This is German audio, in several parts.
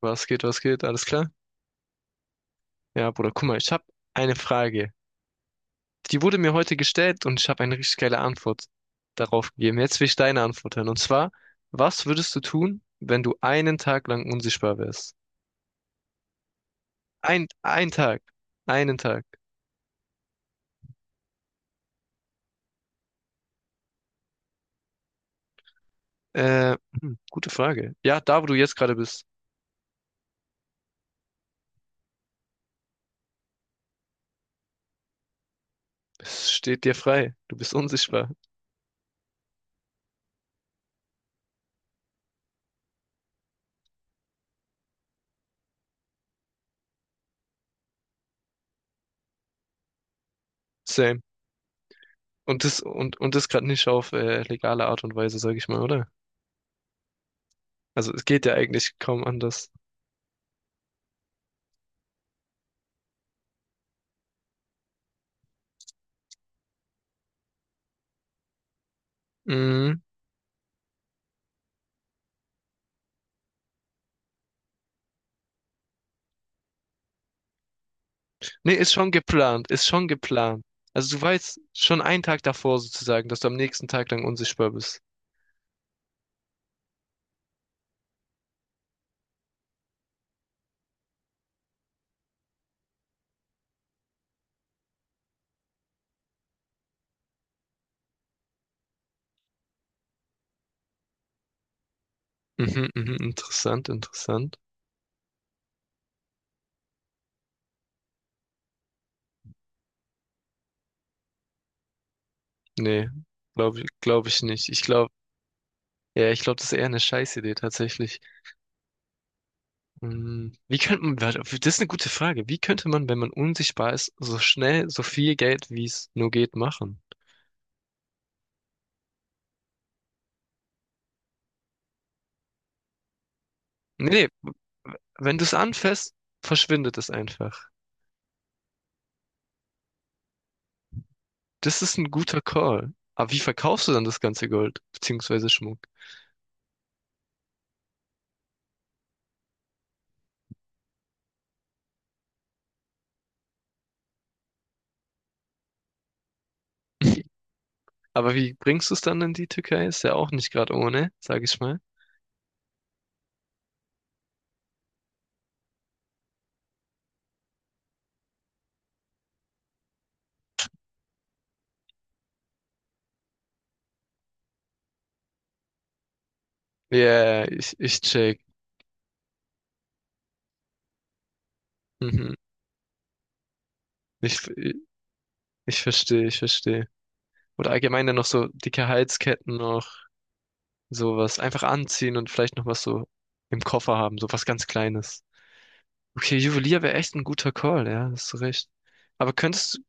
Was geht, was geht? Alles klar? Ja, Bruder, guck mal, ich habe eine Frage. Die wurde mir heute gestellt und ich habe eine richtig geile Antwort darauf gegeben. Jetzt will ich deine Antwort hören. Und zwar, was würdest du tun, wenn du einen Tag lang unsichtbar wärst? Ein Tag. Einen Tag. Gute Frage. Ja, da, wo du jetzt gerade bist, es steht dir frei. Du bist unsichtbar. Same. Und das gerade nicht auf legale Art und Weise, sag ich mal, oder? Also es geht ja eigentlich kaum anders. Mhm. Nee, ist schon geplant, ist schon geplant. Also du weißt schon einen Tag davor sozusagen, dass du am nächsten Tag lang unsichtbar bist. Mhm, mhm, interessant, interessant. Nee, glaube ich nicht. Ich glaube, ja, ich glaube, das ist eher eine Scheißidee tatsächlich. Wie könnte man, warte, das ist eine gute Frage. Wie könnte man, wenn man unsichtbar ist, so schnell so viel Geld, wie es nur geht, machen? Nee, nee, wenn du es anfasst, verschwindet es einfach. Das ist ein guter Call. Aber wie verkaufst du dann das ganze Gold, beziehungsweise Schmuck? Aber wie bringst du es dann in die Türkei? Ist ja auch nicht gerade ohne, sag ich mal. Ja, yeah, ich check. Mhm. Ich, ich verstehe, ich verstehe. Oder allgemein dann noch so dicke Halsketten noch, sowas. Einfach anziehen und vielleicht noch was so im Koffer haben, so was ganz Kleines. Okay, Juwelier wäre echt ein guter Call, ja, hast du recht. Aber könntest,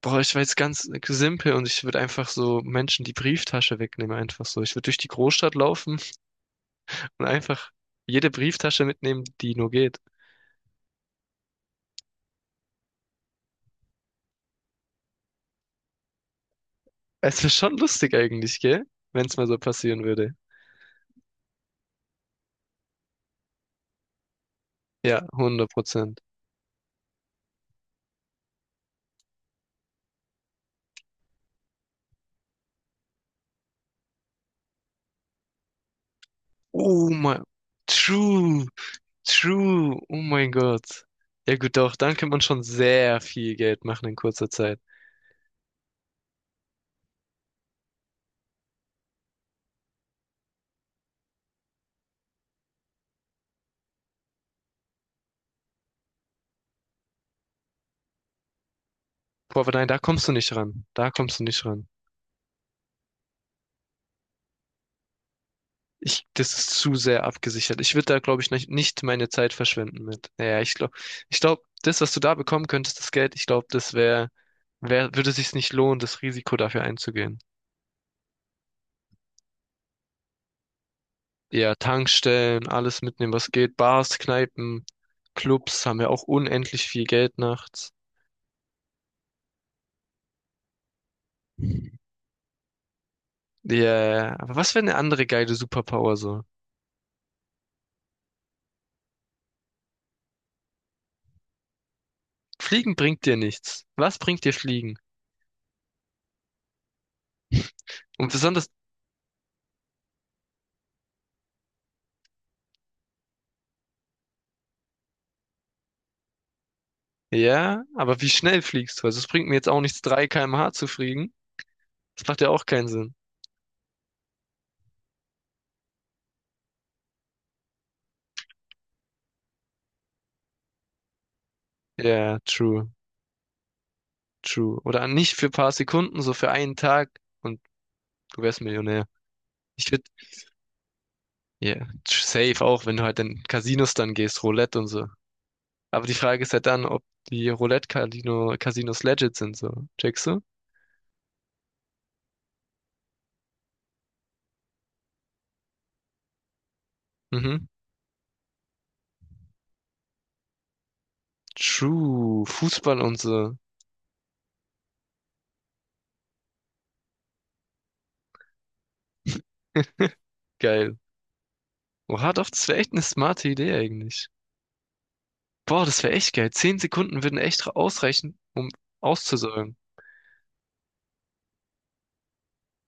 boah, ich war jetzt ganz simpel und ich würde einfach so Menschen die Brieftasche wegnehmen, einfach so. Ich würde durch die Großstadt laufen und einfach jede Brieftasche mitnehmen, die nur geht. Es ist schon lustig eigentlich, gell? Wenn es mal so passieren würde. Ja, 100%. Oh mein, True, true, oh mein Gott. Ja gut, doch, dann kann man schon sehr viel Geld machen in kurzer Zeit. Boah, aber nein, da kommst du nicht ran. Da kommst du nicht ran. Das ist zu sehr abgesichert. Ich würde da, glaube ich, nicht meine Zeit verschwenden mit. Naja, ich glaube, das, was du da bekommen könntest, das Geld, ich glaube, das wäre, würde sich's nicht lohnen, das Risiko dafür einzugehen. Ja, Tankstellen, alles mitnehmen, was geht. Bars, Kneipen, Clubs haben ja auch unendlich viel Geld nachts. Ja, aber was wäre eine andere geile Superpower so? Fliegen bringt dir nichts. Was bringt dir Fliegen? Und besonders, ja, aber wie schnell fliegst du? Also es bringt mir jetzt auch nichts, 3 km/h zu fliegen. Das macht ja auch keinen Sinn. Ja, true, true. Oder nicht für ein paar Sekunden, so für einen Tag und du wärst Millionär. Ich würde, ja, safe auch, wenn du halt in Casinos dann gehst, Roulette und so. Aber die Frage ist ja dann, ob die roulette Casinos legit sind, so. Checkst du? Mhm. True. Fußball und so. Geil. Oha, doch, das wäre echt eine smarte Idee eigentlich. Boah, das wäre echt geil. 10 Sekunden würden echt ausreichen, um auszusäumen.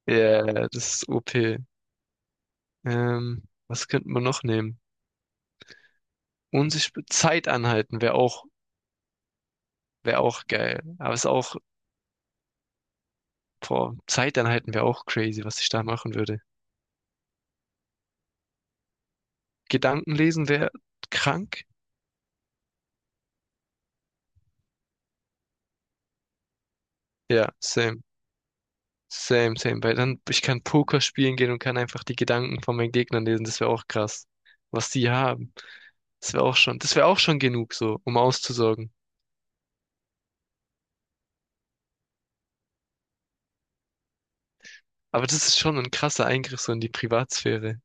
Ja, yeah, das ist OP. Was könnte man noch nehmen? Unsichtbar Zeit anhalten wäre auch geil. Boah, Zeit anhalten wäre auch crazy, was ich da machen würde. Gedanken lesen wäre krank. Ja, same. Same, same. Weil dann, ich kann Poker spielen gehen und kann einfach die Gedanken von meinen Gegnern lesen. Das wäre auch krass. Was die haben. Das wäre auch schon genug so, um auszusorgen. Aber das ist schon ein krasser Eingriff so in die Privatsphäre.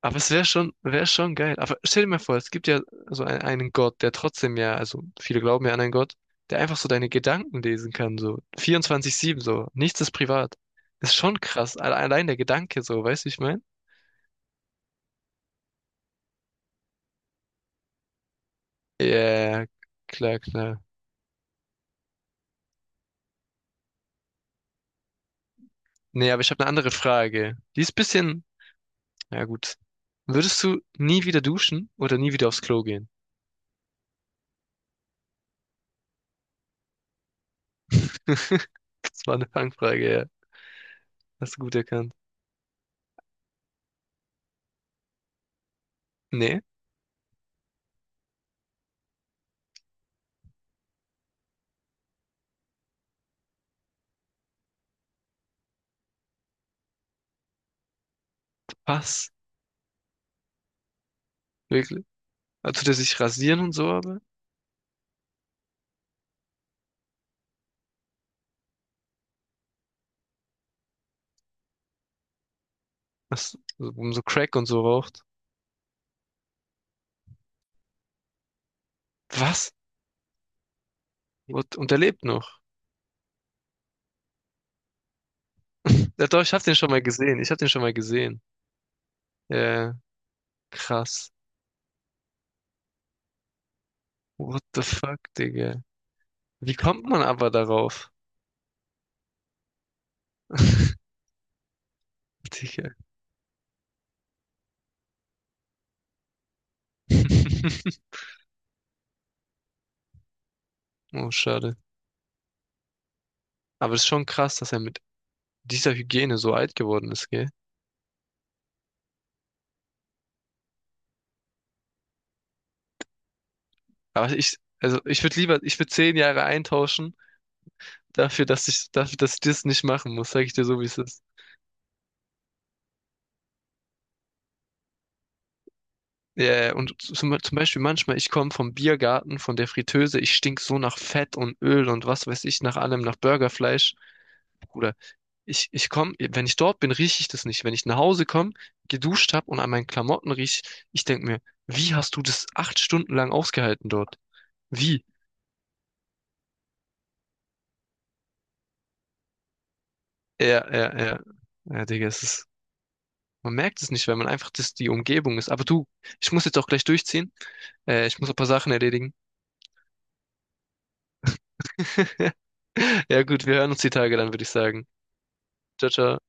Aber es wäre schon geil. Aber stell dir mal vor, es gibt ja so einen Gott, der trotzdem ja, also viele glauben ja an einen Gott, der einfach so deine Gedanken lesen kann, so 24/7 so. Nichts ist privat. Ist schon krass. Allein der Gedanke so, weißt du, wie ich meine? Ja, klar, klar. Nee, aber ich habe eine andere Frage. Die ist ein bisschen, ja gut. Würdest du nie wieder duschen oder nie wieder aufs Klo gehen? Das war eine Fangfrage, ja. Hast du gut erkannt. Nee, was? Wirklich? Also, der sich rasieren und so, aber? Was? So, um so Crack und so raucht. Was? Und er lebt noch. Ja, doch, ich hab den schon mal gesehen. Ich hab den schon mal gesehen. Ja, krass. What the fuck, Digga? Wie kommt man aber darauf? Digga. Oh, schade. Aber es ist schon krass, dass er mit dieser Hygiene so alt geworden ist, gell? Also ich würde 10 Jahre eintauschen dafür, dafür, dass ich das nicht machen muss, sage ich dir so, wie es ist. Ja, ja, und zum Beispiel manchmal, ich komme vom Biergarten, von der Friteuse, ich stink so nach Fett und Öl und was weiß ich, nach allem, nach Burgerfleisch. Bruder, ich komme, wenn ich dort bin, rieche ich das nicht. Wenn ich nach Hause komme, geduscht habe und an meinen Klamotten riech, ich denke mir, wie hast du das 8 Stunden lang ausgehalten dort? Wie? Ja, ja, ja. Ja, Digga, es ist. Man merkt es nicht, weil man einfach das die Umgebung ist. Aber du, ich muss jetzt auch gleich durchziehen. Ich muss ein paar Sachen erledigen. Ja gut, wir hören uns die Tage dann, würde ich sagen. Ciao, ciao.